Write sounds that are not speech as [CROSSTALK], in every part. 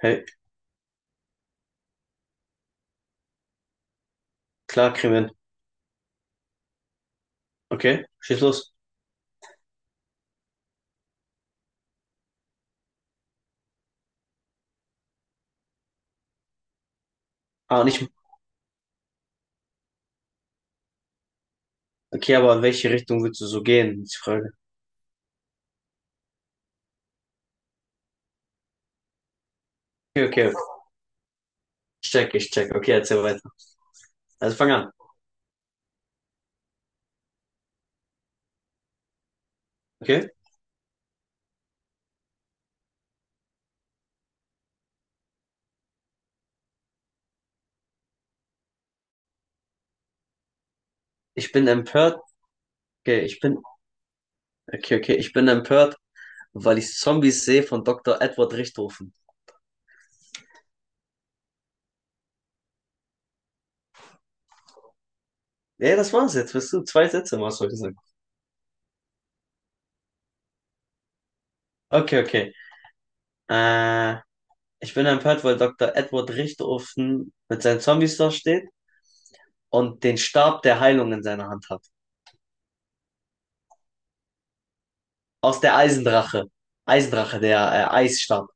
Hey, klar, kriegen. Okay, schieß los. Ah, nicht. Okay, aber in welche Richtung willst du so gehen, ist die Frage. Okay, okay. Ich check, ich check. Okay, erzähl weiter. Also fang an. Okay? Ich bin empört. Okay, ich bin. Okay, okay. Ich bin empört, weil ich Zombies sehe von Doktor Edward Richthofen. Ja, das war's jetzt. Bist du zwei Sätze, hast du gesagt. Okay, okay. Äh, Ich bin empört, weil Doktor Edward Richthofen mit seinen Zombies da steht und den Stab der Heilung in seiner Hand hat. Aus der Eisendrache. Eisdrache, der Eisstab.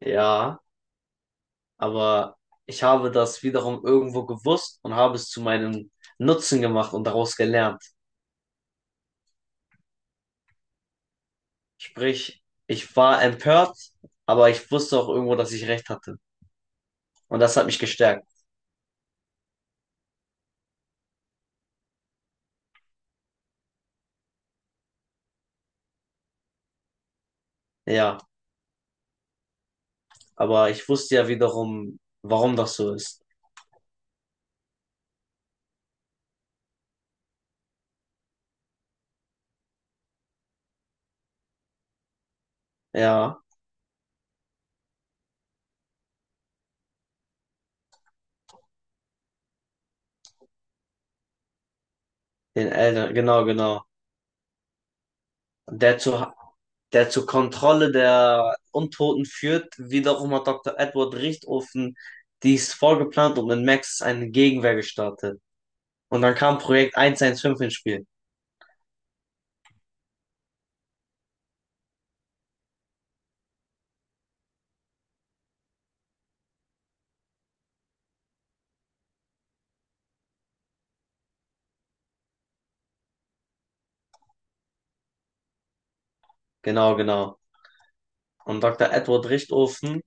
Ja, aber ich habe das wiederum irgendwo gewusst und habe es zu meinem Nutzen gemacht und daraus gelernt. Sprich, ich war empört, aber ich wusste auch irgendwo, dass ich recht hatte. Und das hat mich gestärkt. Ja, aber ich wusste ja wiederum, warum das so ist. Ja, den Eltern, genau, genau. Dazu, der zur Kontrolle der Untoten führt. Wiederum hat Dr. Edward Richtofen dies vorgeplant und in Max eine Gegenwehr gestartet. Und dann kam Projekt 115 ins Spiel. Genau, genau. Und Dr. Edward Richtofen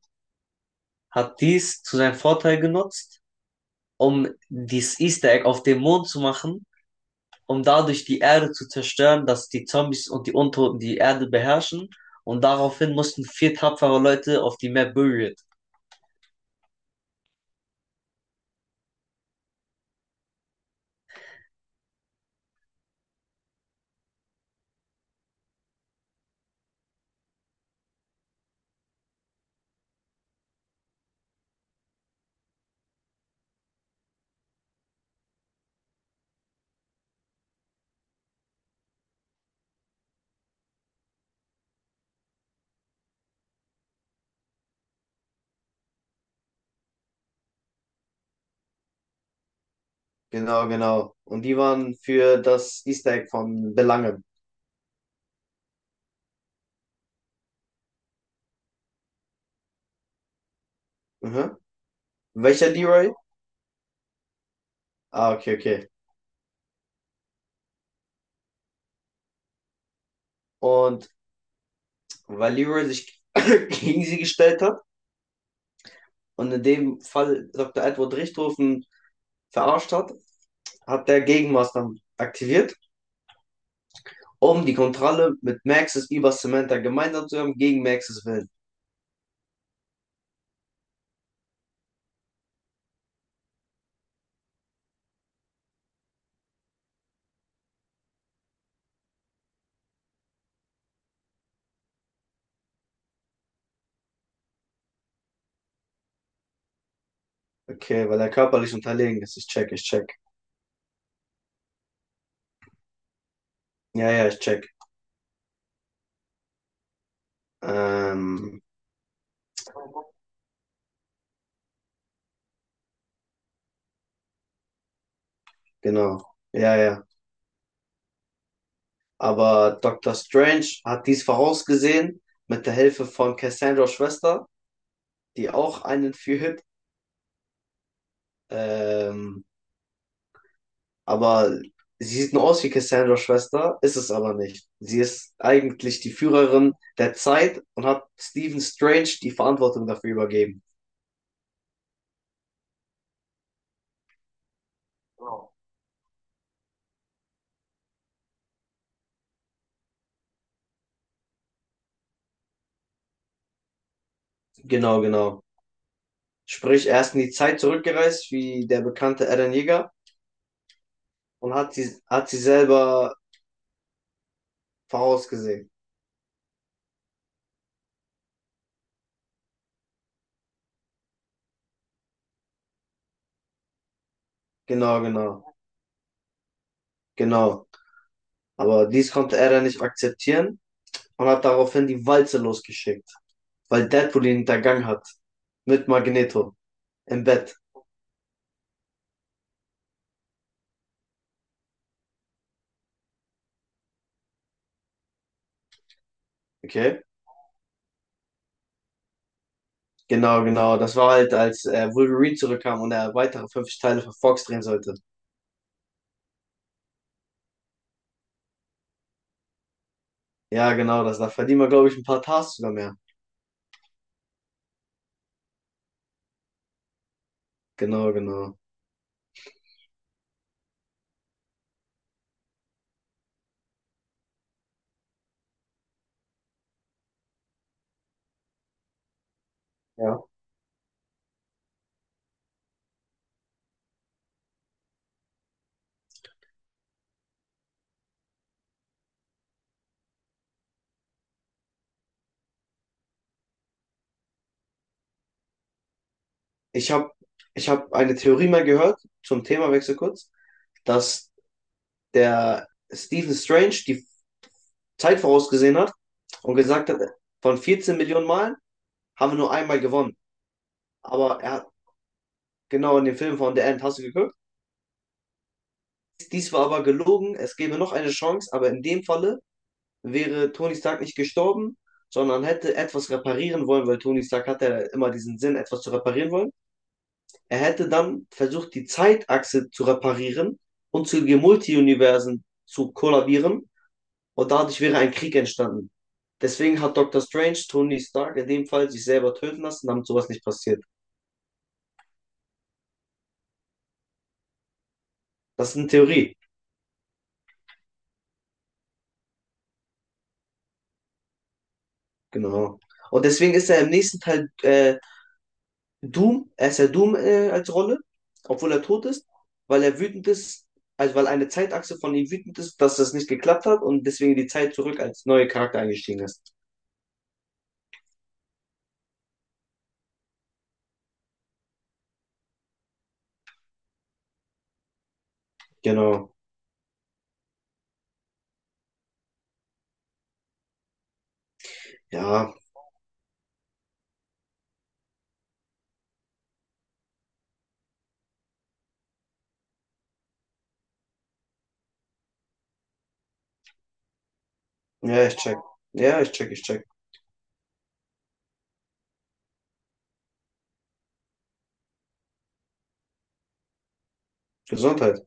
hat dies zu seinem Vorteil genutzt, um dieses Easter Egg auf dem Mond zu machen, um dadurch die Erde zu zerstören, dass die Zombies und die Untoten die Erde beherrschen. Und daraufhin mussten vier tapfere Leute auf die Map Buried. Genau, genau. Und die waren für das Easter Egg von Belangen. Mhm. Welcher Leroy? Ah, okay, okay. Und weil Leroy sich [COUGHS] [CLEARS THROAT] gegen sie gestellt hat und in dem Fall Dr. Edward Richthofen verarscht hat, hat der Gegenmaßnahmen aktiviert, um die Kontrolle mit Maxis über Samantha gemeinsam zu haben, gegen Maxis Willen. Okay, weil er körperlich unterlegen ist. Ich check, ich check. Ja, ja, ich check. Ähm, Genau. Ja, ja. Aber Dr. Strange hat dies vorausgesehen mit der Hilfe von Cassandras Schwester, die auch einen führt. Ähm, aber sie sieht nur aus wie Cassandras Schwester, ist es aber nicht. Sie ist eigentlich die Führerin der Zeit und hat Stephen Strange die Verantwortung dafür übergeben. Genau. Genau, genau. Sprich, er ist in die Zeit zurückgereist, wie der bekannte Eren Yeager, und hat sie selber vorausgesehen. Genau, genau, genau. Aber dies konnte Eren nicht akzeptieren und hat daraufhin die Walze losgeschickt, weil Deadpool ihn hintergangen hat. Mit Magneto. Im Bett. Okay? Genau, genau. Das war halt, als Wolverine zurückkam und er weitere 50 Teile für Fox drehen sollte. Ja, genau, das, da verdienen wir, glaube ich, ein paar Tasks sogar mehr. Genau, genau. Ja. Ich habe ich hab eine Theorie mal gehört, zum Themawechsel kurz, dass der Stephen Strange die Zeit vorausgesehen hat und gesagt hat, von 14 Millionen Malen haben wir nur einmal gewonnen. Aber er hat genau in dem Film von The End, hast du geguckt? Dies war aber gelogen, es gäbe noch eine Chance, aber in dem Falle wäre Tony Stark nicht gestorben, sondern hätte etwas reparieren wollen, weil Tony Stark hatte ja immer diesen Sinn, etwas zu reparieren wollen. Er hätte dann versucht, die Zeitachse zu reparieren und zu den Multiuniversen zu kollabieren und dadurch wäre ein Krieg entstanden. Deswegen hat Doctor Strange Tony Stark in dem Fall sich selber töten lassen, damit sowas nicht passiert. Das ist eine Theorie. Genau. Und deswegen ist er im nächsten Teil Doom, er ist ja Doom als Rolle, obwohl er tot ist, weil er wütend ist, also weil eine Zeitachse von ihm wütend ist, dass das nicht geklappt hat und deswegen die Zeit zurück als neuer Charakter eingestiegen ist. Genau. Ja, ja, ich check. Ja, ich check, ich check. Gesundheit.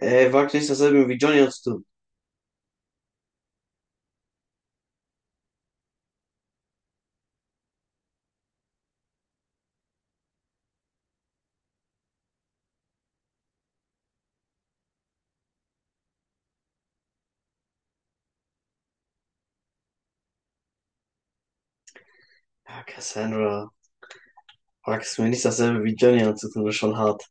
Ey, wag nicht dasselbe wie Johnny anzutun. Ja, Cassandra, wag es mir nicht dasselbe wie Johnny anzutun, ist schon hart.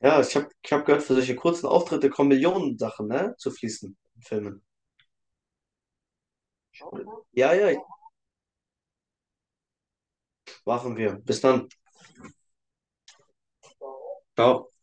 Ja, ich hab gehört, für solche kurzen Auftritte kommen Millionen Sachen, ne, zu fließen in Filmen. Ja, ja, machen wir. Bis dann. Ciao.